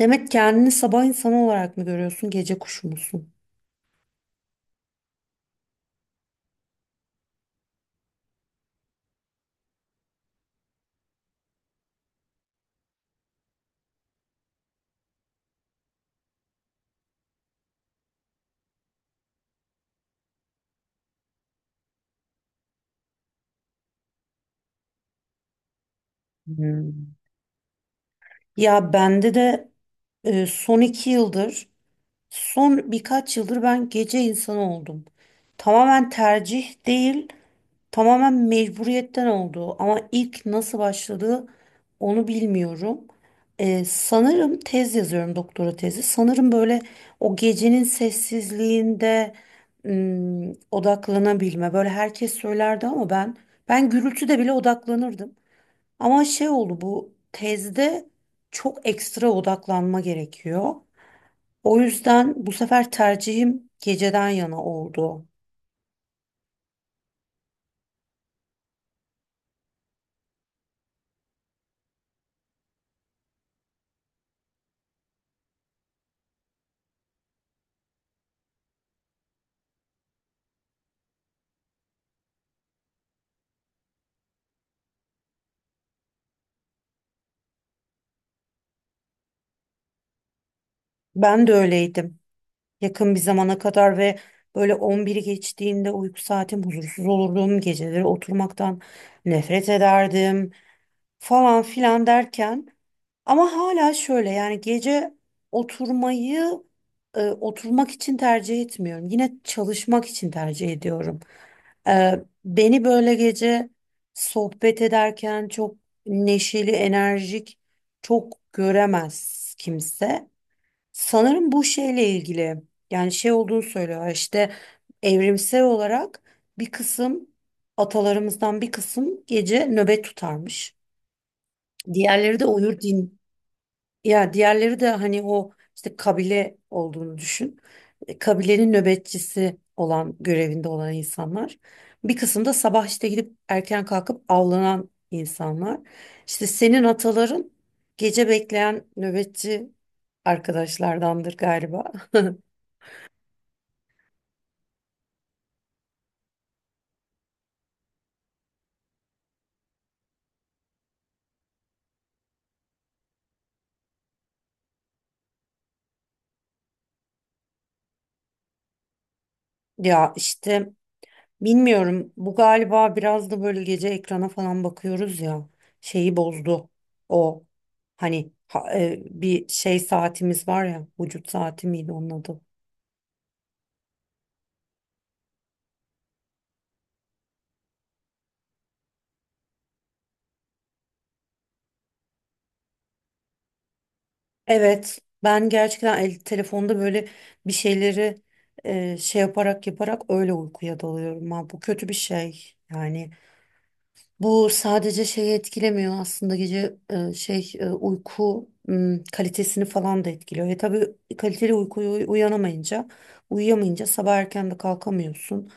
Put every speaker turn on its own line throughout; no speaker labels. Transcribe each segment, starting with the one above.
Demek kendini sabah insanı olarak mı görüyorsun, gece kuşu musun? Hmm. Ya bende de e, son iki yıldır, son birkaç yıldır ben gece insanı oldum. Tamamen tercih değil, tamamen mecburiyetten oldu ama ilk nasıl başladığı onu bilmiyorum. Sanırım tez yazıyorum, doktora tezi. Sanırım böyle o gecenin sessizliğinde odaklanabilme. Böyle herkes söylerdi ama ben gürültüde bile odaklanırdım. Ama şey oldu, bu tezde çok ekstra odaklanma gerekiyor. O yüzden bu sefer tercihim geceden yana oldu. Ben de öyleydim, yakın bir zamana kadar. Ve böyle 11'i geçtiğinde uyku saatim huzursuz olurdum. Geceleri oturmaktan nefret ederdim falan filan derken, ama hala şöyle, yani gece oturmayı, oturmak için tercih etmiyorum. Yine çalışmak için tercih ediyorum. E, beni böyle gece sohbet ederken çok neşeli, enerjik çok göremez kimse. Sanırım bu şeyle ilgili, yani şey olduğunu söylüyor işte, evrimsel olarak bir kısım atalarımızdan, bir kısım gece nöbet tutarmış. Diğerleri de uyur, din ya diğerleri de hani o işte kabile olduğunu düşün. Kabilenin nöbetçisi olan, görevinde olan insanlar. Bir kısım da sabah işte gidip erken kalkıp avlanan insanlar. İşte senin ataların gece bekleyen nöbetçi arkadaşlardandır galiba. Ya işte bilmiyorum. Bu galiba biraz da böyle, gece ekrana falan bakıyoruz ya. Şeyi bozdu. O hani bir şey saatimiz var ya. Vücut saati miydi onun adı? Evet. Ben gerçekten telefonda böyle bir şeyleri şey yaparak yaparak öyle uykuya dalıyorum. Ha, bu kötü bir şey. Yani bu sadece şeyi etkilemiyor aslında, gece şey uyku kalitesini falan da etkiliyor. Tabii kaliteli uykuya uyanamayınca, uyuyamayınca sabah erken de kalkamıyorsun.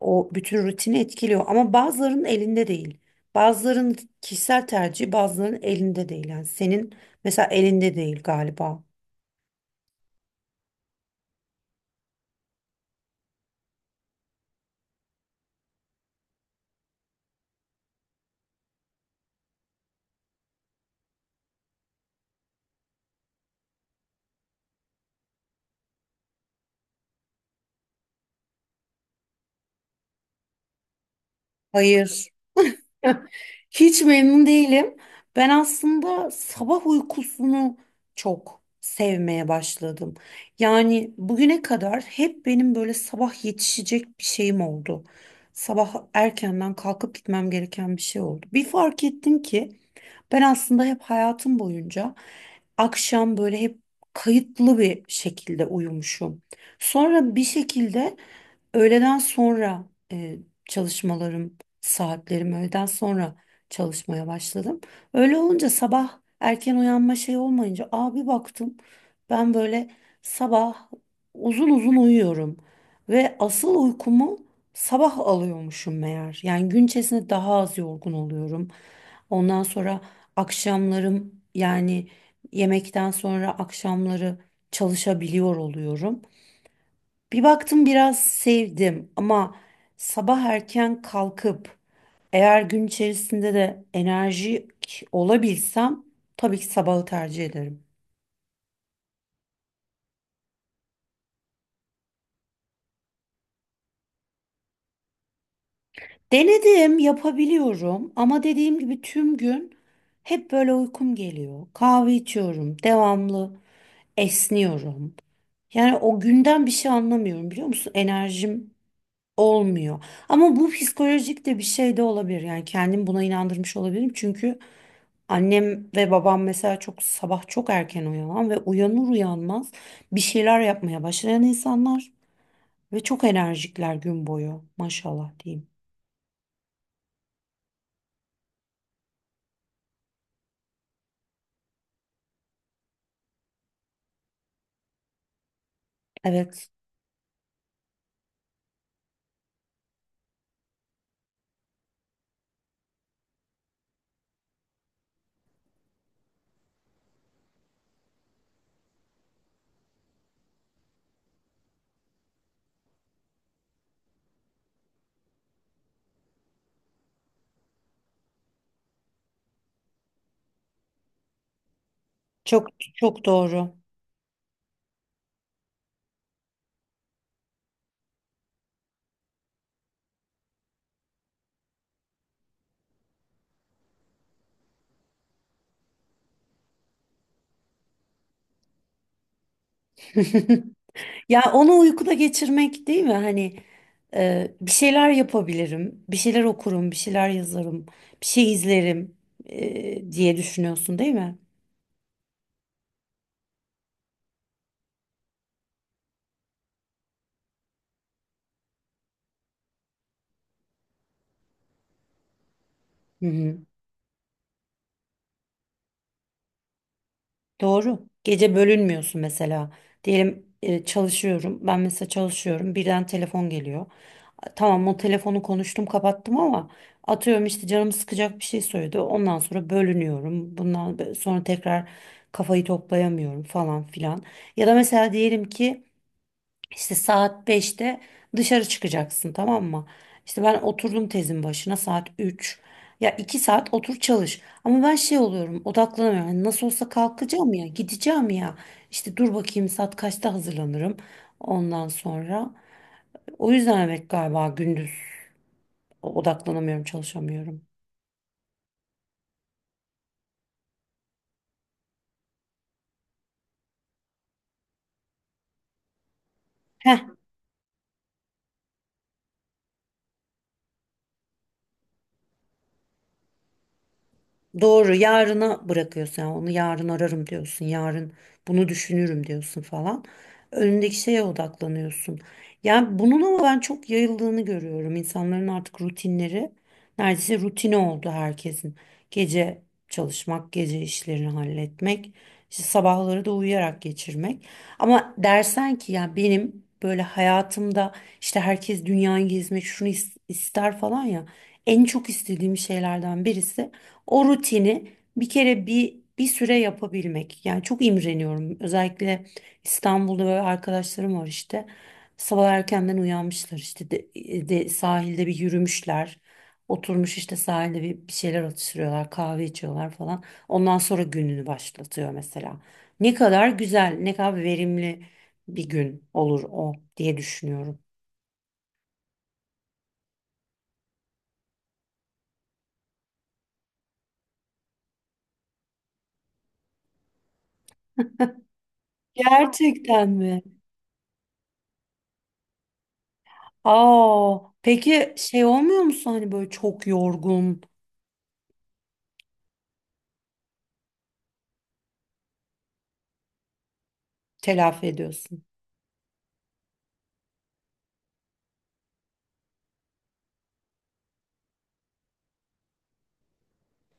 O bütün rutini etkiliyor ama bazılarının elinde değil. Bazılarının kişisel tercihi, bazılarının elinde değil. Yani senin mesela elinde değil galiba. Hayır. Hiç memnun değilim. Ben aslında sabah uykusunu çok sevmeye başladım. Yani bugüne kadar hep benim böyle sabah yetişecek bir şeyim oldu. Sabah erkenden kalkıp gitmem gereken bir şey oldu. Bir fark ettim ki ben aslında hep hayatım boyunca akşam böyle hep kayıtlı bir şekilde uyumuşum. Sonra bir şekilde öğleden sonra, e, çalışmalarım, saatlerim öğleden sonra çalışmaya başladım. Öyle olunca, sabah erken uyanma şey olmayınca, abi baktım ben böyle sabah uzun uzun uyuyorum ve asıl uykumu sabah alıyormuşum meğer. Yani gün içerisinde daha az yorgun oluyorum. Ondan sonra akşamlarım, yani yemekten sonra akşamları çalışabiliyor oluyorum. Bir baktım biraz sevdim, ama sabah erken kalkıp, eğer gün içerisinde de enerji olabilsem, tabii ki sabahı tercih ederim. Denedim, yapabiliyorum ama dediğim gibi tüm gün hep böyle uykum geliyor. Kahve içiyorum, devamlı esniyorum. Yani o günden bir şey anlamıyorum, biliyor musun? Enerjim olmuyor. Ama bu psikolojik de bir şey de olabilir. Yani kendim buna inandırmış olabilirim, çünkü annem ve babam mesela çok sabah çok erken uyanan ve uyanır uyanmaz bir şeyler yapmaya başlayan insanlar ve çok enerjikler gün boyu, maşallah diyeyim. Evet, çok çok doğru. Ya onu uykuda geçirmek değil mi? Hani bir şeyler yapabilirim, bir şeyler okurum, bir şeyler yazarım, bir şey izlerim diye düşünüyorsun değil mi? Hı hı. Doğru. Gece bölünmüyorsun mesela. Diyelim çalışıyorum. Ben mesela çalışıyorum. Birden telefon geliyor. Tamam, o telefonu konuştum kapattım ama atıyorum, işte canım sıkacak bir şey söyledi. Ondan sonra bölünüyorum. Bundan sonra tekrar kafayı toplayamıyorum falan filan. Ya da mesela diyelim ki işte saat beşte dışarı çıkacaksın, tamam mı? İşte ben oturdum tezin başına saat üç, ya iki saat otur çalış. Ama ben şey oluyorum, odaklanamıyorum. Yani nasıl olsa kalkacağım ya, gideceğim ya. İşte dur bakayım saat kaçta hazırlanırım ondan sonra. O yüzden evet, galiba gündüz odaklanamıyorum, çalışamıyorum. Doğru, yarına bırakıyorsun yani, onu yarın ararım diyorsun, yarın bunu düşünürüm diyorsun falan, önündeki şeye odaklanıyorsun yani. Bunun ama ben çok yayıldığını görüyorum, insanların artık rutinleri neredeyse rutine oldu herkesin: gece çalışmak, gece işlerini halletmek, işte sabahları da uyuyarak geçirmek. Ama dersen ki ya benim böyle hayatımda, işte herkes dünyayı gezmek şunu ister falan ya, en çok istediğim şeylerden birisi o rutini bir kere bir süre yapabilmek. Yani çok imreniyorum. Özellikle İstanbul'da böyle arkadaşlarım var işte. Sabah erkenden uyanmışlar işte de, sahilde bir yürümüşler. Oturmuş işte sahilde bir şeyler atıştırıyorlar, kahve içiyorlar falan. Ondan sonra gününü başlatıyor mesela. Ne kadar güzel, ne kadar verimli bir gün olur o diye düşünüyorum. Gerçekten mi? Aa, peki şey olmuyor musun, hani böyle çok yorgun? Telafi ediyorsun.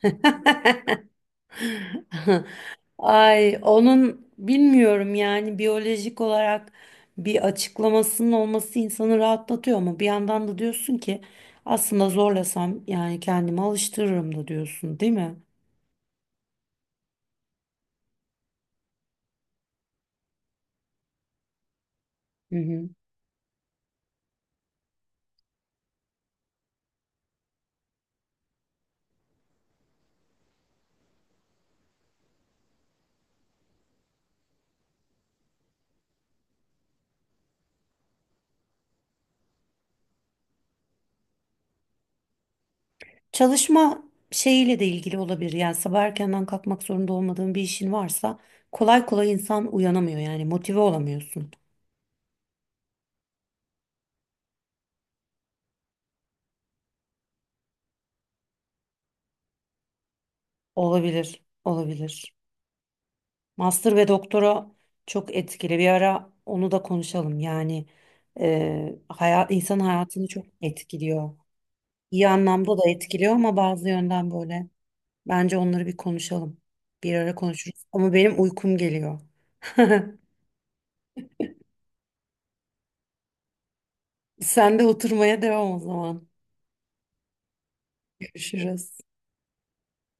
Ay onun bilmiyorum yani, biyolojik olarak bir açıklamasının olması insanı rahatlatıyor ama bir yandan da diyorsun ki aslında zorlasam yani kendimi alıştırırım da, diyorsun değil mi? Hı hı. Çalışma şeyiyle de ilgili olabilir yani, sabah erkenden kalkmak zorunda olmadığın bir işin varsa kolay kolay insan uyanamıyor, yani motive olamıyorsun. Olabilir, olabilir. Master ve doktora çok etkili. Bir ara onu da konuşalım. Yani hayat, insan hayatını çok etkiliyor. İyi anlamda da etkiliyor ama bazı yönden böyle. Bence onları bir konuşalım. Bir ara konuşuruz. Ama benim uykum geliyor. Sen de oturmaya devam o zaman. Görüşürüz.